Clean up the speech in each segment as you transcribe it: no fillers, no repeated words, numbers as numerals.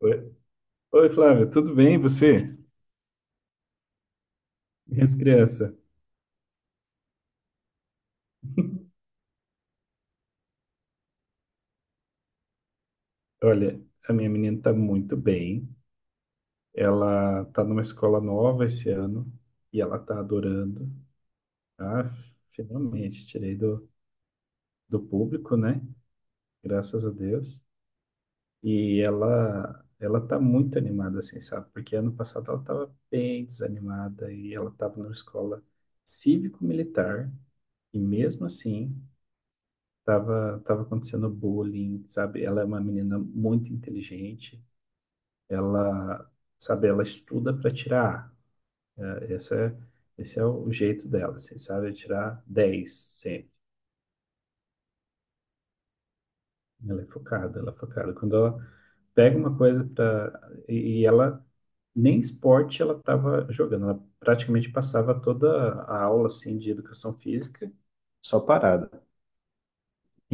Oi, Oi, Flávia, tudo bem? E você? Minhas crianças. Olha, a minha menina está muito bem. Ela está numa escola nova esse ano e ela está adorando. Ah, finalmente tirei do público, né? Graças a Deus. E ela está muito animada, assim, sabe? Porque ano passado ela estava bem desanimada e ela estava numa escola cívico-militar e mesmo assim tava acontecendo bullying, sabe? Ela é uma menina muito inteligente, ela, sabe, ela estuda para tirar A. Esse é o jeito dela, assim, sabe? É tirar 10 sempre. Ela é focada, ela é focada. Quando ela pega uma coisa para e ela nem esporte ela estava jogando, ela praticamente passava toda a aula assim de educação física só parada.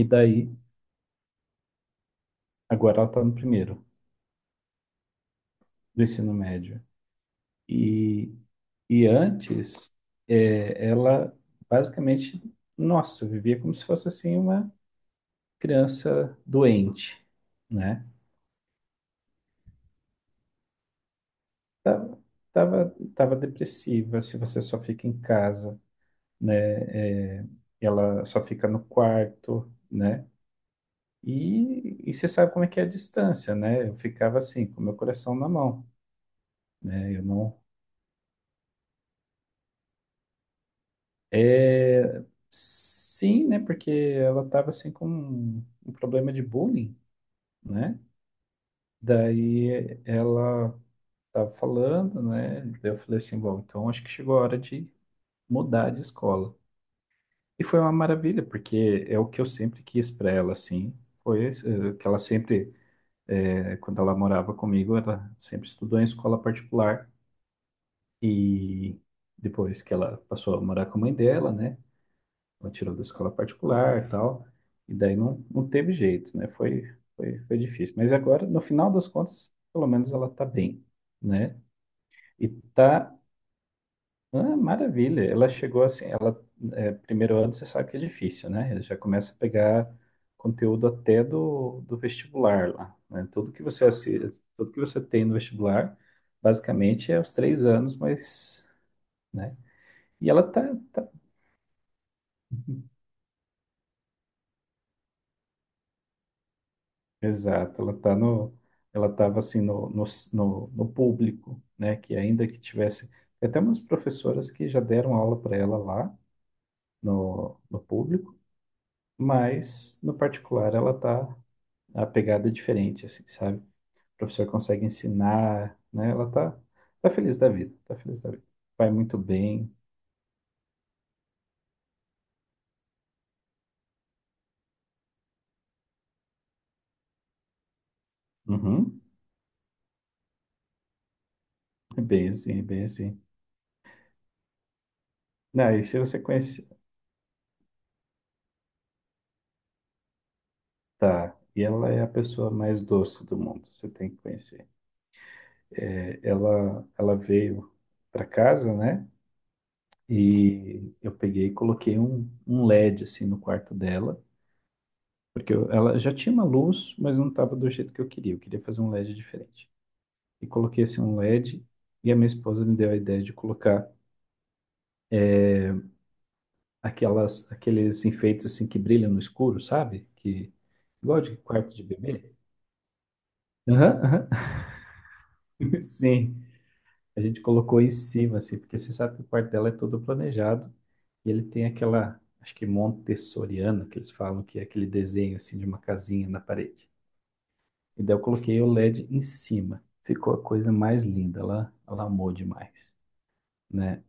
E daí, agora ela está no primeiro do ensino médio. E E antes, ela basicamente, nossa, vivia como se fosse assim uma criança doente, né? Tava, tava depressiva, se você só fica em casa, né? É, ela só fica no quarto, né? E você sabe como é que é a distância, né? Eu ficava assim, com meu coração na mão, né? Eu não. É, sim, né? Porque ela tava assim com um problema de bullying, né? Daí ela estava falando, né? Daí eu falei assim, bom, então acho que chegou a hora de mudar de escola. E foi uma maravilha, porque é o que eu sempre quis para ela, assim. Foi esse, que ela sempre, quando ela morava comigo, ela sempre estudou em escola particular. E depois que ela passou a morar com a mãe dela, né? Ela tirou da escola particular e tal. E daí não, não teve jeito, né? Foi difícil. Mas agora, no final das contas, pelo menos ela está bem, né? E tá, maravilha. Ela chegou assim, ela é, primeiro ano você sabe que é difícil, né? Ela já começa a pegar conteúdo até do vestibular lá, né? Tudo que você tem no vestibular, basicamente é os 3 anos, mas, né? E ela tá- exato, ela ela tava assim no público, né? Que ainda que tivesse, tem até umas professoras que já deram aula para ela lá no público. Mas, no particular, ela tá a pegada é diferente, assim, sabe? O professor consegue ensinar, né? Ela tá feliz da vida, tá feliz da vida. Vai muito bem. Uhum. É bem assim, é bem assim. Não, e se você conhecer. Tá, e ela é a pessoa mais doce do mundo, você tem que conhecer. É, ela veio para casa, né? E eu peguei e coloquei um LED, assim, no quarto dela. Porque ela já tinha uma luz, mas não estava do jeito que eu queria. Eu queria fazer um LED diferente. E coloquei assim um LED e D, e a minha esposa me deu a ideia de colocar aquelas aqueles enfeites assim que brilham no escuro, sabe? Que igual de quarto de bebê. Aham, aham. Sim, a gente colocou em cima assim, porque você sabe que o quarto dela é todo planejado e ele tem aquela acho que montessoriana que eles falam que é aquele desenho assim de uma casinha na parede. E daí eu coloquei o LED em cima. Ficou a coisa mais linda, ela amou demais, né?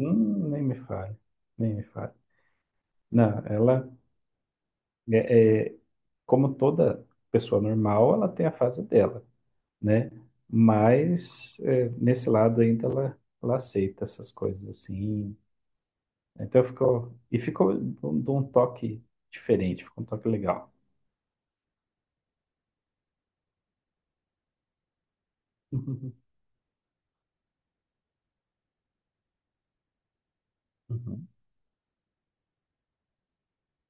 Nem me fale, nem me fale. Não, ela é como toda pessoa normal, ela tem a fase dela, né? Mas é, nesse lado ainda ela aceita essas coisas assim. Então ficou e ficou de um toque diferente, ficou um toque legal. Uhum.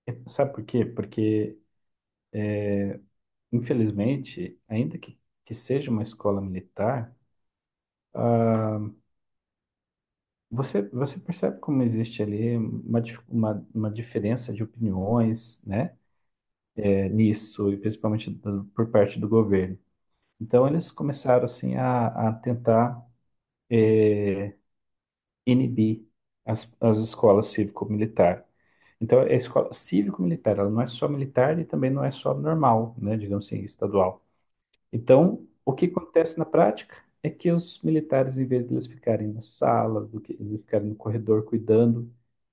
É. Sabe por quê? Porque infelizmente, ainda que seja uma escola militar, você percebe como existe ali uma diferença de opiniões, né? Nisso, e principalmente por parte do governo. Então, eles começaram assim a tentar inibir as escolas cívico-militar. Então, a escola cívico-militar, ela não é só militar e também não é só normal, né, digamos assim, estadual. Então, o que acontece na prática é que os militares, em vez de eles ficarem na sala, do que eles ficarem no corredor cuidando,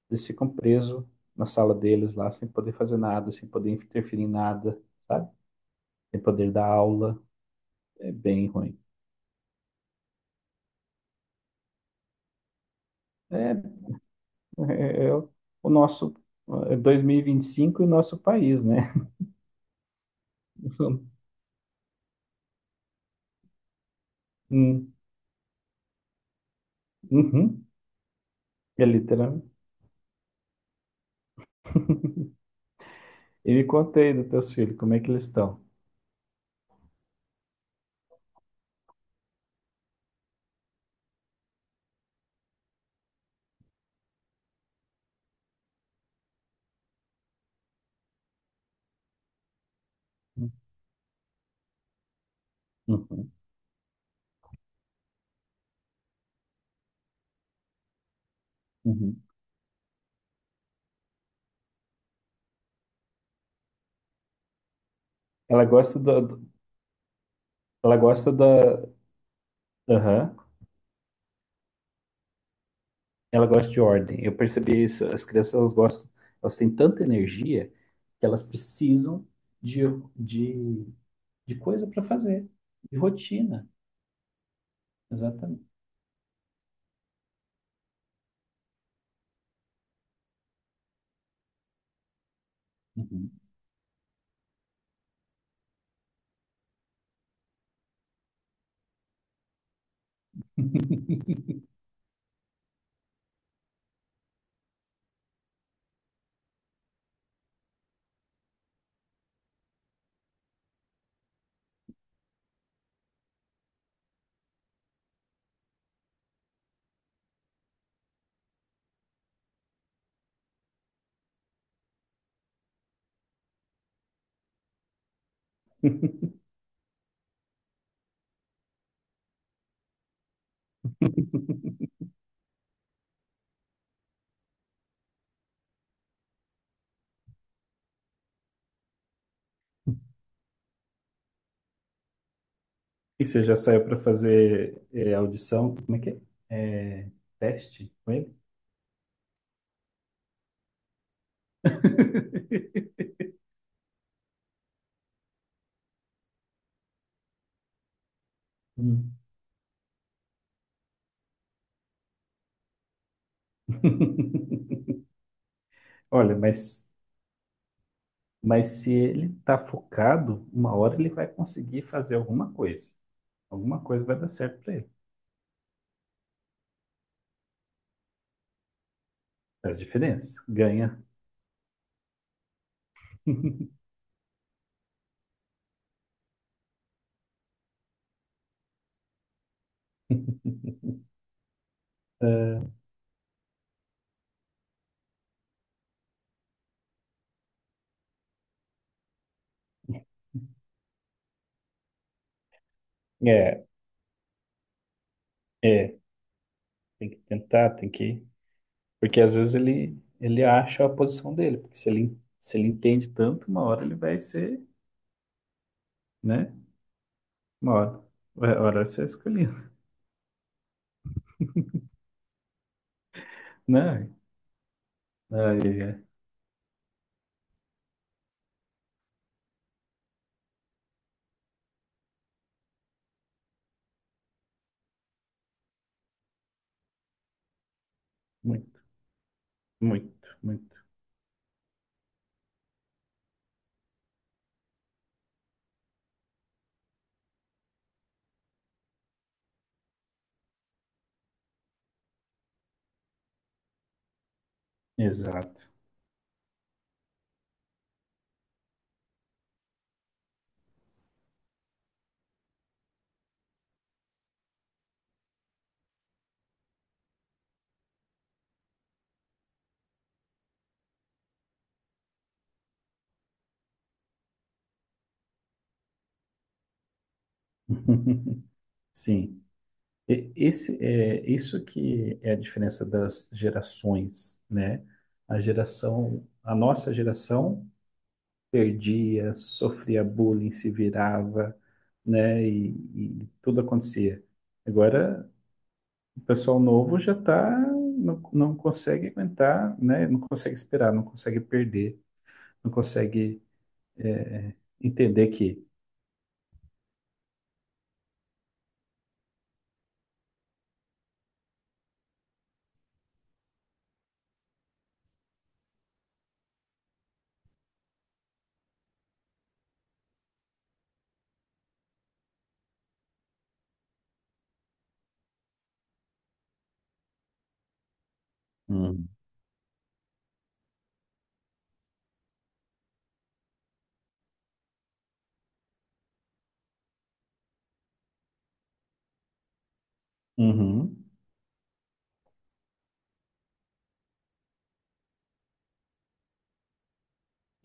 eles ficam presos na sala deles lá, sem poder fazer nada, sem poder interferir em nada, sabe? Sem poder dar aula. É bem ruim. É, é o nosso é 2025 e vinte e cinco e nosso país, né? Hum. Uhum. É literalmente. E me conta aí dos teus filhos, como é que eles estão? Uhum, uhum. Ela gosta da, do- ela gosta da, Aham, ela gosta de ordem. Eu percebi isso. As crianças, elas gostam, elas têm tanta energia que elas precisam de, de de coisa para fazer, de rotina, exatamente. Uhum. E você já saiu para fazer audição? Como é que é? É, teste com ele? Hum. Olha, mas se ele está focado, uma hora ele vai conseguir fazer alguma coisa. Alguma coisa vai dar certo para ele. Faz diferença, ganha. É, é tem que tentar, tem que Porque às vezes ele acha a posição dele, porque se ele entende tanto, uma hora ele vai ser, né? Uma hora, uma hora vai ser escolhido, né? Aí é muito, muito, muito. Exato. Sim. Esse é isso que é a diferença das gerações, né? A nossa geração perdia, sofria bullying, se virava, né? E tudo acontecia. Agora, o pessoal novo já tá, não, não consegue aguentar, né? Não consegue esperar, não consegue perder, não consegue é, entender que. Uhum. Uhum.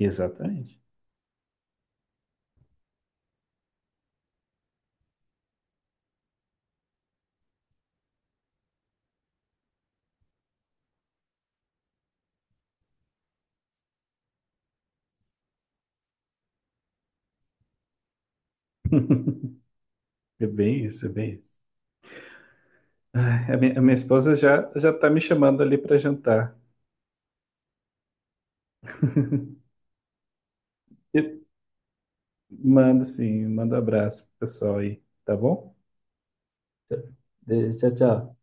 Exatamente. É bem isso, é bem isso. A minha esposa já, já tá me chamando ali para jantar. Eu mando sim, mando abraço pro pessoal aí, tá bom? Tchau, tchau.